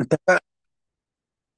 انت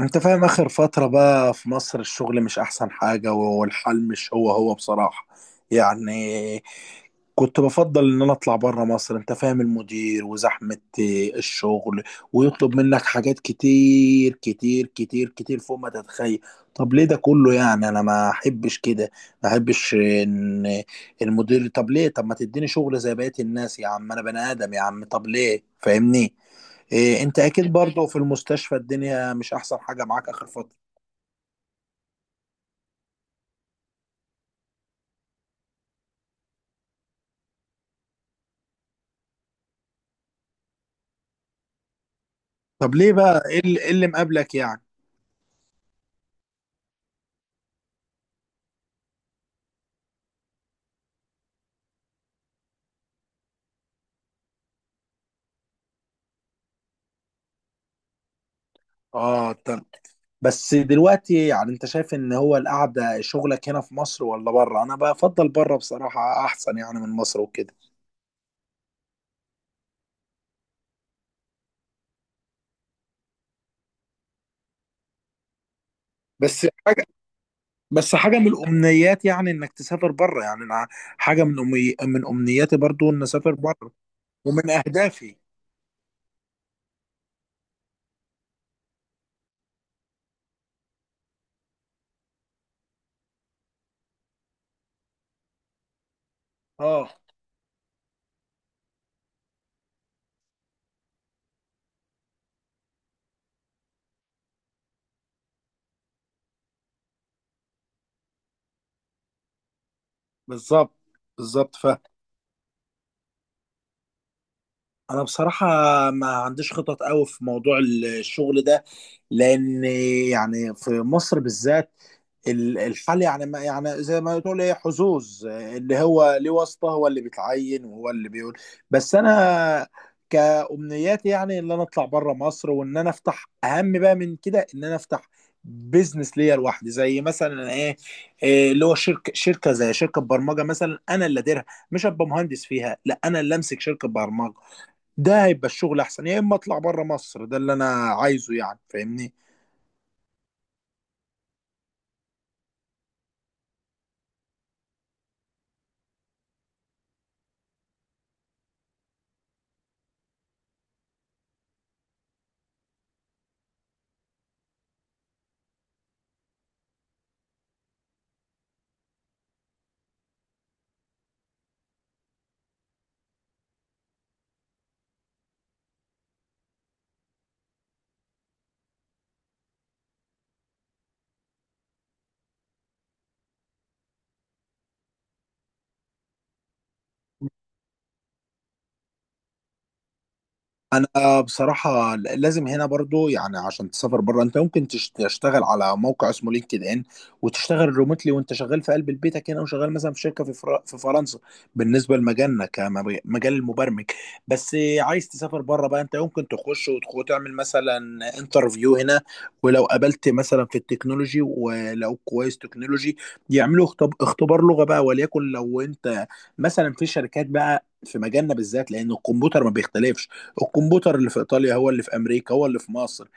انت فاهم اخر فترة بقى في مصر الشغل مش احسن حاجة، والحال مش هو هو بصراحة. يعني كنت بفضل ان انا اطلع بره مصر، انت فاهم، المدير وزحمة الشغل ويطلب منك حاجات كتير كتير كتير كتير فوق ما تتخيل. طب ليه ده كله؟ انا ما احبش كده، ما احبش ان المدير، طب ليه؟ طب ما تديني شغل زي بقية الناس يا عم، انا بني ادم يا عم، طب ليه؟ فاهمني إيه؟ انت اكيد برضه في المستشفى الدنيا مش احسن حاجه معاك اخر فتره. طب ليه بقى؟ ايه اللي إيه اللي مقابلك اه طب، بس دلوقتي انت شايف ان هو القعده شغلك هنا في مصر ولا بره؟ انا بفضل بره بصراحه، احسن يعني من مصر وكده. بس حاجه بس حاجه من الامنيات انك تسافر بره. يعني أنا حاجه من أمي من امنياتي برضو ان اسافر بره، ومن اهدافي. اه بالظبط بالظبط. انا بصراحة ما عنديش خطط قوي في موضوع الشغل ده، لان في مصر بالذات الحال ما زي ما تقول ايه، حظوظ، اللي هو ليه واسطة هو اللي بيتعين وهو اللي بيقول. بس انا كأمنياتي ان انا اطلع بره مصر، وان انا افتح، اهم بقى من كده، ان انا افتح بيزنس ليا لوحدي، زي مثلا ايه إيه اللي هو شركه زي شركه برمجه مثلا انا اللي اديرها، مش ابقى مهندس فيها، لا، انا اللي امسك شركه برمجه. ده هيبقى الشغل احسن، يا اما اطلع بره مصر، ده اللي انا عايزه، فاهمني. انا بصراحه لازم هنا برضو، عشان تسافر بره انت ممكن تشتغل على موقع اسمه لينكد ان، وتشتغل ريموتلي وانت شغال في قلب بيتك هنا، وشغال مثلا في شركه في فرنسا، بالنسبه لمجالنا كمجال المبرمج. بس عايز تسافر بره بقى، انت ممكن تخش وتعمل مثلا انترفيو هنا، ولو قابلت مثلا في التكنولوجي ولو كويس تكنولوجي، يعملوا اختبار لغه بقى، وليكن لو انت مثلا في شركات بقى في مجالنا بالذات، لان الكمبيوتر ما بيختلفش، الكمبيوتر اللي في ايطاليا هو اللي في امريكا هو اللي في مصر.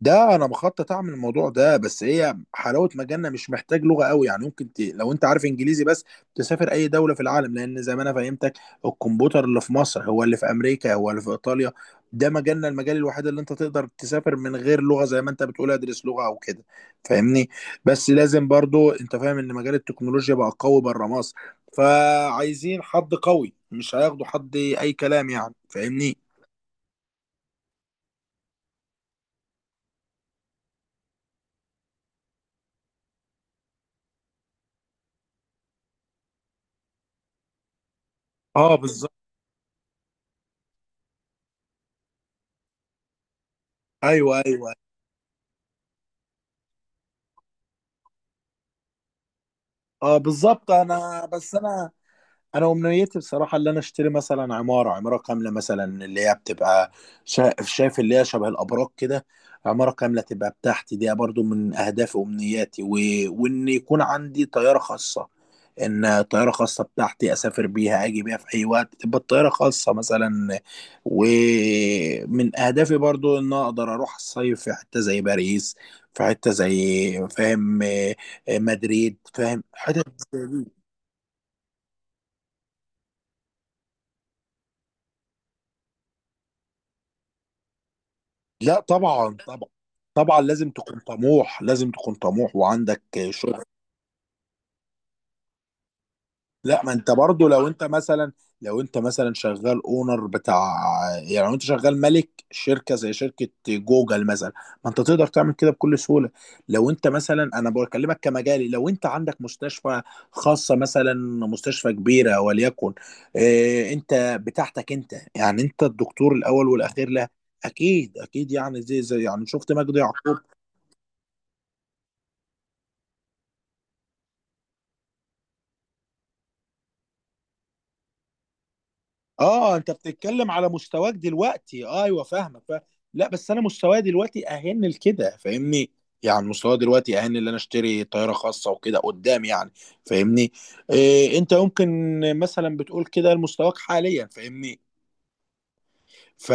ده انا بخطط اعمل الموضوع ده، بس هي حلاوه مجالنا مش محتاج لغه قوي، ممكن لو انت عارف انجليزي بس تسافر اي دوله في العالم، لان زي ما انا فهمتك، الكمبيوتر اللي في مصر هو اللي في امريكا هو اللي في ايطاليا. ده مجالنا، المجال الوحيد اللي انت تقدر تسافر من غير لغه، زي ما انت بتقول ادرس لغه او كده، فاهمني. بس لازم برضو انت فاهم ان مجال التكنولوجيا بقى قوي بره مصر، فعايزين حد قوي، مش هياخدوا حد اي كلام، فاهمني. اه بالظبط. ايوه ايوه. اه بالظبط. انا امنيتي بصراحه اللي انا اشتري مثلا عماره، كامله، مثلا اللي هي بتبقى، شايف، اللي هي شبه الابراج كده، عماره كامله تبقى بتاعتي. دي برضو من اهدافي وامنياتي، وان يكون عندي طياره خاصه، طياره خاصه بتاعتي اسافر بيها، اجي بيها في اي وقت، تبقى الطياره خاصه مثلا. ومن اهدافي برضو ان اقدر اروح الصيف في حته زي باريس، في حته زي، فاهم، مدريد، فاهم، حتت. لا طبعا طبعا. طبعا لازم تكون طموح، لازم تكون طموح وعندك شغل. لا، ما انت برضو لو انت مثلا شغال اونر بتاع، لو انت شغال مالك شركه زي شركه جوجل مثلا، ما انت تقدر تعمل كده بكل سهوله. لو انت مثلا، انا بكلمك كمجالي، لو انت عندك مستشفى خاصه مثلا، مستشفى كبيره وليكن، اه انت بتاعتك انت، انت الدكتور الاول والاخير. لا، اكيد اكيد، زي شفت مجدي يعقوب. اه انت بتتكلم على مستواك دلوقتي. ايوه فاهمك. لا بس انا مستواي دلوقتي اهن لكده، فاهمني. مستواي دلوقتي اهن ان انا اشتري طياره خاصه وكده قدام، فاهمني. إيه، انت ممكن مثلا بتقول كده لمستواك حاليا، فاهمني. ف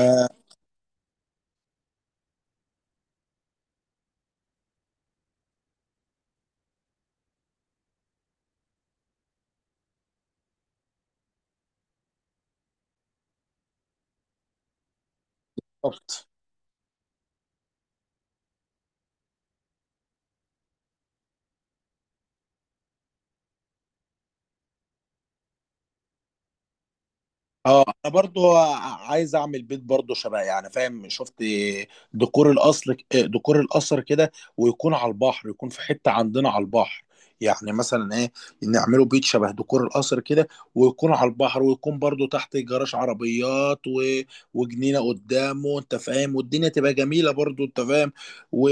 اه انا برضو عايز اعمل بيت برضو شبه، فاهم، شفت ديكور الاصل، ديكور القصر كده، ويكون على البحر، يكون في حتة عندنا على البحر، مثلا ايه، نعمله بيت شبه ديكور القصر كده، ويكون على البحر، ويكون برضو تحت جراج عربيات، وجنينة قدامه، انت فاهم، والدنيا تبقى جميلة برضو، انت فاهم. و...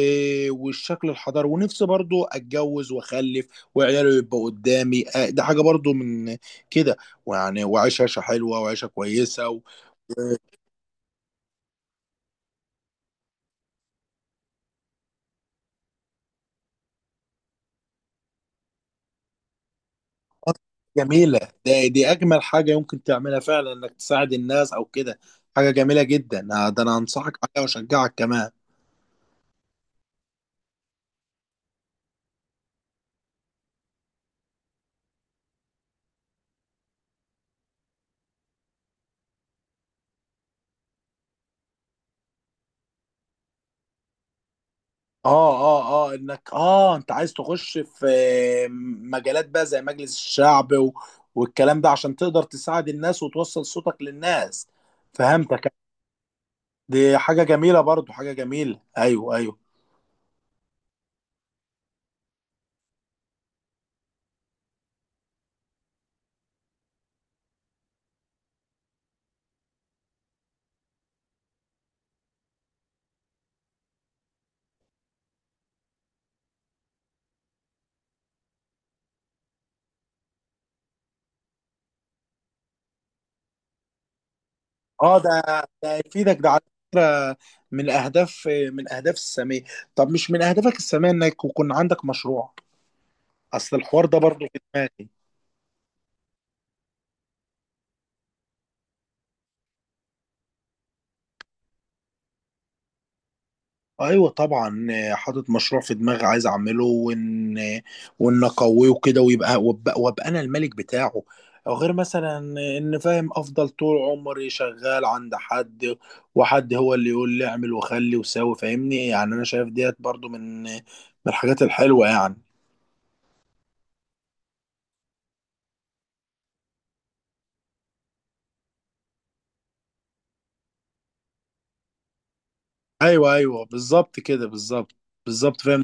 والشكل الحضاري. ونفسي برضو اتجوز واخلف، وعياله يبقى قدامي، ده حاجة برضو من كده. وعيش عيشه حلوه وعيشه كويسه و... آه، جميله. ده دي اجمل حاجه يمكن تعملها فعلا، انك تساعد الناس او كده، حاجه جميله جدا، ده انا انصحك عليها واشجعك كمان. اه اه اه، انك اه انت عايز تخش في مجالات بقى زي مجلس الشعب والكلام ده، عشان تقدر تساعد الناس وتوصل صوتك للناس. فهمتك، دي حاجه جميله برضو، حاجه جميله، ايوه ايوه. اه ده، ده يفيدك، ده على فكره من اهداف الساميه. طب مش من اهدافك الساميه انك يكون عندك مشروع؟ اصل الحوار ده برضه في دماغي. ايوه طبعا، حاطط مشروع في دماغي عايز اعمله، وان اقويه كده، وابقى انا الملك بتاعه. او غير مثلا، ان، فاهم، افضل طول عمري شغال عند حد، وحد هو اللي يقول لي اعمل وخلي وساوي، فاهمني، انا شايف ديت برضو من الحاجات الحلوه يعني. ايوه ايوه بالظبط كده، بالظبط بالظبط، فاهم،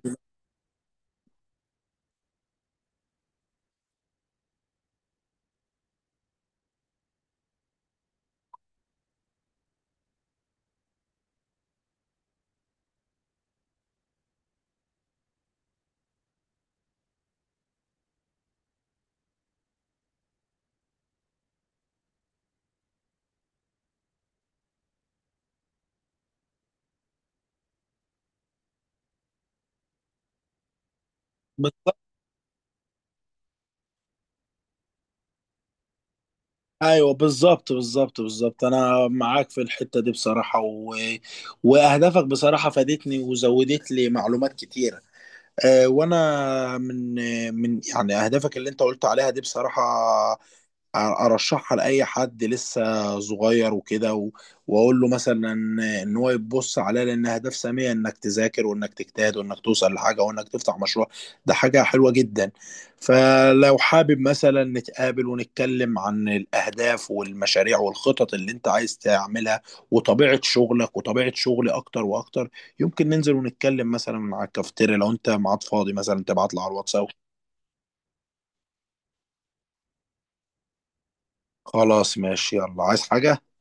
بالظبط. ايوه بالظبط بالظبط بالظبط، انا معاك في الحته دي بصراحه، واهدافك بصراحه فادتني وزودت لي معلومات كتيره. أه، وانا من اهدافك اللي انت قلت عليها دي بصراحه ارشحها لاي حد لسه صغير وكده واقول له مثلا ان هو يبص عليها، لان اهداف ساميه انك تذاكر وانك تجتهد وانك توصل لحاجه وانك تفتح مشروع، ده حاجه حلوه جدا. فلو حابب مثلا نتقابل ونتكلم عن الاهداف والمشاريع والخطط اللي انت عايز تعملها، وطبيعه شغلك وطبيعه شغلي، اكتر واكتر، يمكن ننزل ونتكلم مثلا على الكافتيريا، لو انت ميعاد فاضي مثلا تبعت لي على الواتساب. خلاص ماشي، يلا، عايز حاجه؟